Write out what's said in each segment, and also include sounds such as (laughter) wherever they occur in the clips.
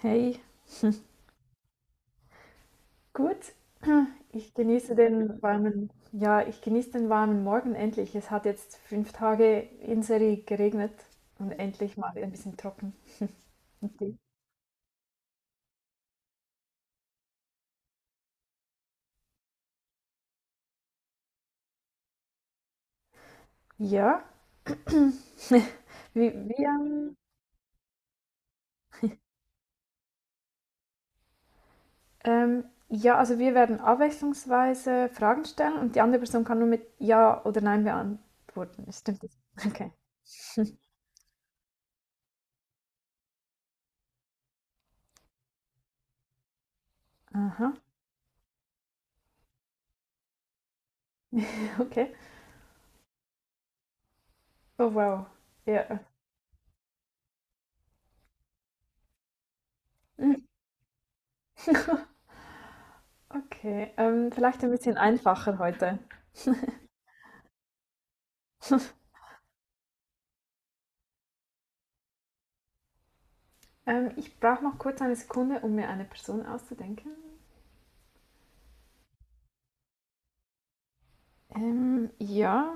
Hey, gut. Ich genieße den warmen Morgen endlich. Es hat jetzt 5 Tage in Serie geregnet und endlich mal ein bisschen trocken. Und die- Ja, wir, wir, ähm, ja, also wir werden abwechslungsweise Fragen stellen und die andere Person kann nur mit Ja oder Nein beantworten. Stimmt das? Okay. Aha, okay. Oh wow. Ja. Okay. Vielleicht ein bisschen einfacher heute. Ich brauche noch kurz eine Sekunde, um mir eine Person auszudenken. Ja,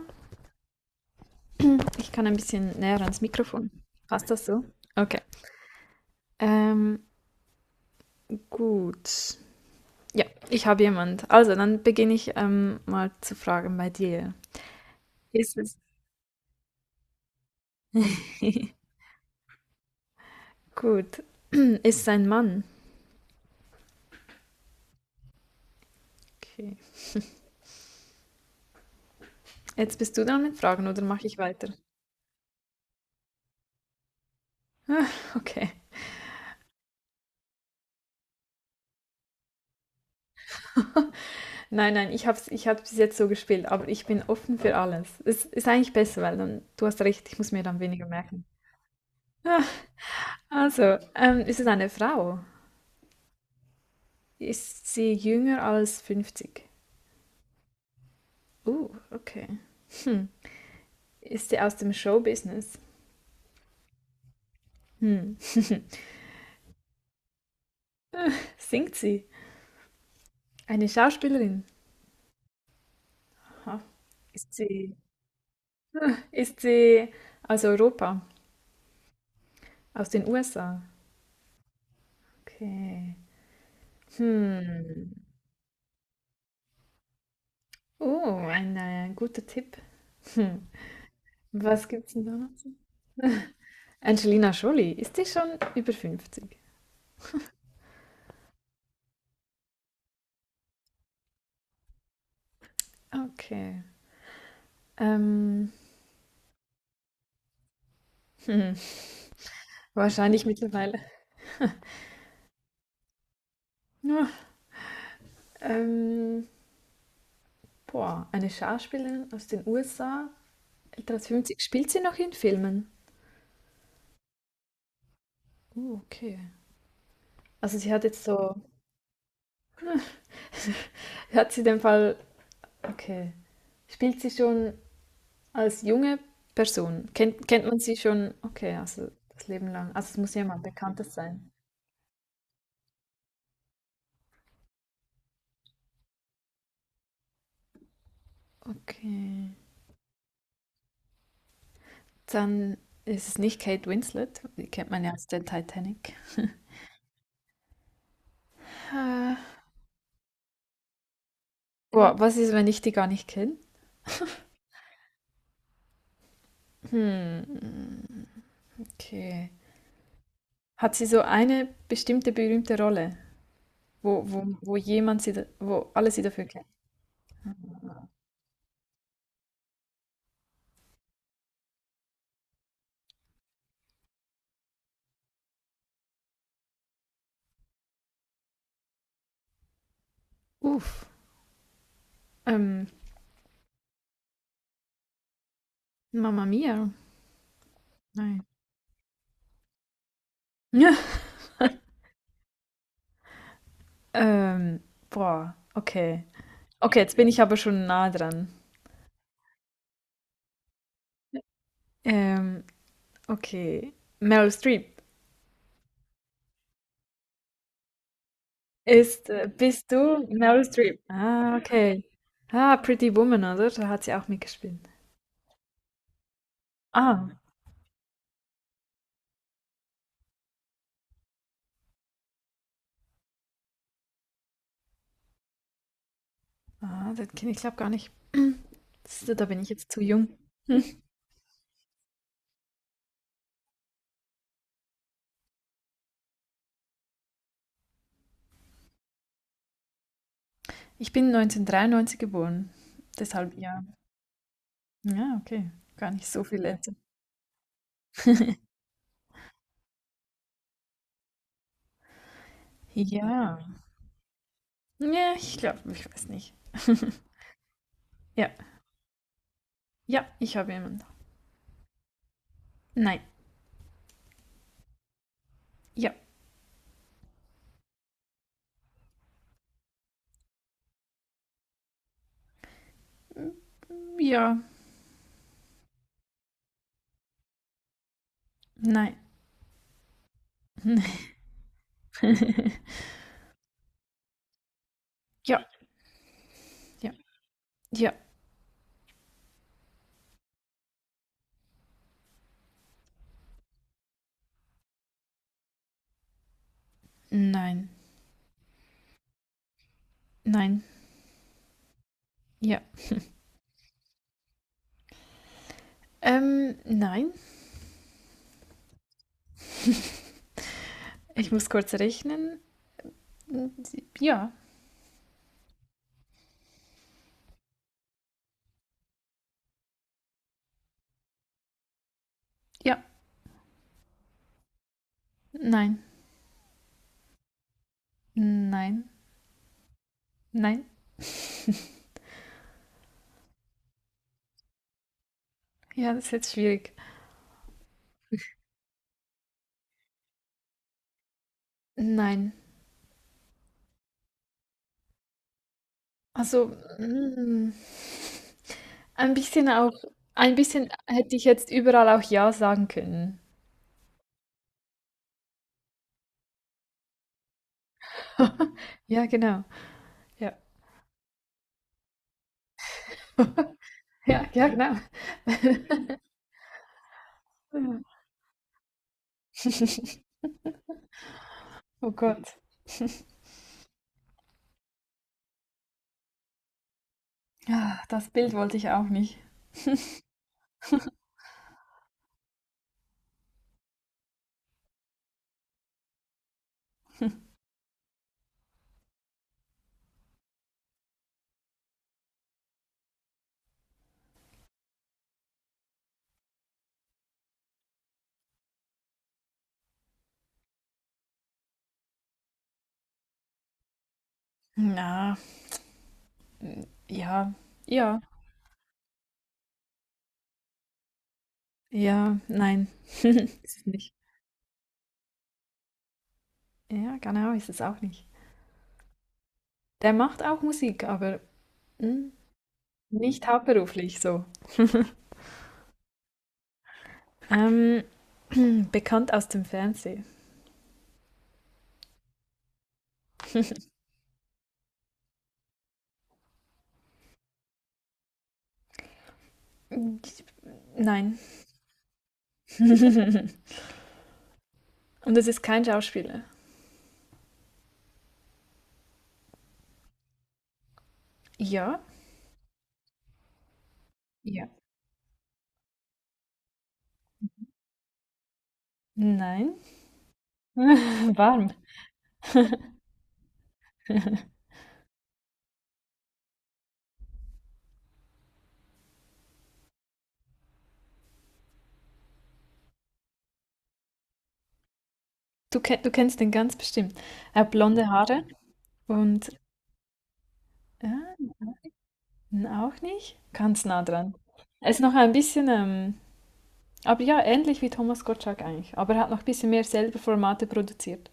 ich kann ein bisschen näher ans Mikrofon. Passt das so? Okay. Ähm, gut. Ja, ich habe jemand. Also, dann beginne ich mal zu fragen bei dir. Ist es? (laughs) Gut. (clears throat) Ist es ein Mann? Okay. Jetzt bist du dran mit Fragen oder mache ich weiter? Ah, okay. Nein, nein, ich habe es ich hab's bis jetzt so gespielt, aber ich bin offen für alles. Es ist eigentlich besser, weil dann, du hast recht, ich muss mir dann weniger merken. Ah, also, ist es eine Frau? Ist sie jünger als 50? Okay. Hm. Ist sie aus dem Showbusiness? Hm. (laughs) Singt sie? Eine Schauspielerin? Aha. Ist sie, ist sie aus Europa? Aus den USA? Okay. Hm. Oh, ein guter Tipp. Hm. Was gibt's denn da noch? Angelina Jolie, ist die schon über 50? Okay. Ähm, hm. Wahrscheinlich mittlerweile. (laughs) Ähm, Boah, eine Schauspielerin aus den USA, älter als 50, spielt sie noch in Filmen? Okay. Also sie hat jetzt so, hat sie den Fall, okay, spielt sie schon als junge Person? Kennt man sie schon, okay, also das Leben lang. Also es muss jemand Bekanntes sein. Okay. Dann ist es nicht Kate Winslet, die kennt man ja aus der Titanic. Äh, Boah, was ist, wenn ich die gar nicht kenne? Hm, okay. Hat sie so eine bestimmte berühmte Rolle? Wo jemand sie, wo alle sie dafür kennen. Uff. Ähm, Mama Mia. Nein. Ja. (laughs) Ähm, Boah, okay. Okay, jetzt bin ich aber schon nah dran. Ähm, okay. Meryl Streep. Bist du Meryl Streep? Ah, okay. Ah, Pretty Woman, oder? Da hat sie auch mitgespielt. Ah, das kenne ich glaube gar nicht. Das, da bin ich jetzt zu jung. Ich bin 1993 geboren. Deshalb ja. Ja, okay. Gar nicht so viel älter. (laughs) Ja. Ja, ich glaube, ich weiß nicht. (laughs) Ja. Ja, ich habe jemanden. Nein. Ja. Ja. Nein. (laughs) Ja. Ja. Ja. Nein. Nein. Ja. Nein. Ich muss kurz rechnen. Ja. Ja. Nein. Nein. Nein. Ja, das ist jetzt schwierig. Nein. Also, mm, ein bisschen auch, ein bisschen hätte ich jetzt überall auch Ja sagen können. (laughs) Ja, genau. Ja. (laughs) Ja, ja, genau. (laughs) Ja. Oh Gott. Ah, das Bild wollte ich auch nicht. Na, ja, ja, ja, nein. (laughs) Ist es nicht. Ja, genau, ist es auch nicht. Der macht auch Musik, aber hm, nicht hauptberuflich so. Ähm, (clears throat) Bekannt aus dem Fernsehen. Nein. (laughs) Und es ist kein Schauspieler. Ja, ja. Nein. (laughs) Warm. Du, du kennst den ganz bestimmt. Er hat blonde Haare. Und äh, auch nicht? Ganz nah dran. Er ist noch ein bisschen, aber ja, ähnlich wie Thomas Gottschalk eigentlich. Aber er hat noch ein bisschen mehr selber Formate produziert.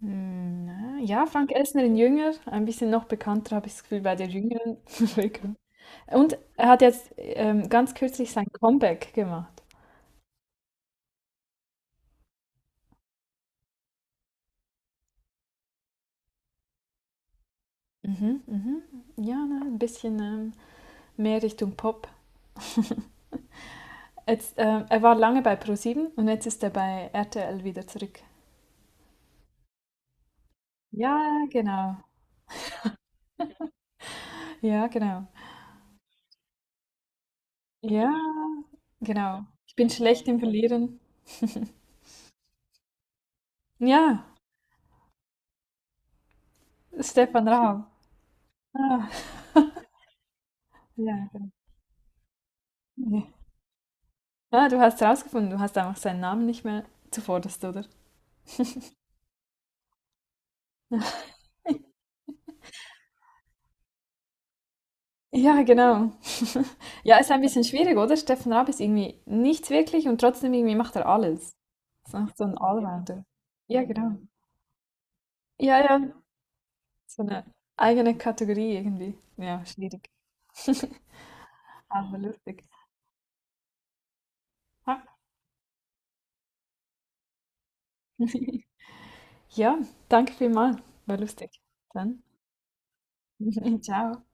Hm, na, ja, Frank Elsner in Jünger, ein bisschen noch bekannter, habe ich das Gefühl, bei der jüngeren (laughs) Bevölkerung. Und er hat jetzt ganz kürzlich sein Comeback gemacht. Mhm, mhm. Ja, ne, ein bisschen mehr Richtung Pop. Jetzt, er war lange bei ProSieben und jetzt ist er bei RTL wieder zurück. Ja, genau. Ja, genau. Ja, genau. Ich bin schlecht im Verlieren. Ja, Stefan Raab. Ah, ja, genau. Ah, du hast rausgefunden, du hast einfach seinen Namen nicht mehr zuvorderst, oder? Ja, genau. (laughs) Ja, ist ein bisschen schwierig, oder? Stefan Raab ist irgendwie nichts wirklich und trotzdem irgendwie macht er alles. Ist einfach so ein Allrounder. Ja, genau. Ja, ja. So eine eigene Kategorie irgendwie. Ja, schwierig. (laughs) Aber lustig. Ah. (laughs) Ja, danke vielmals. War lustig. Dann. (laughs) Ciao.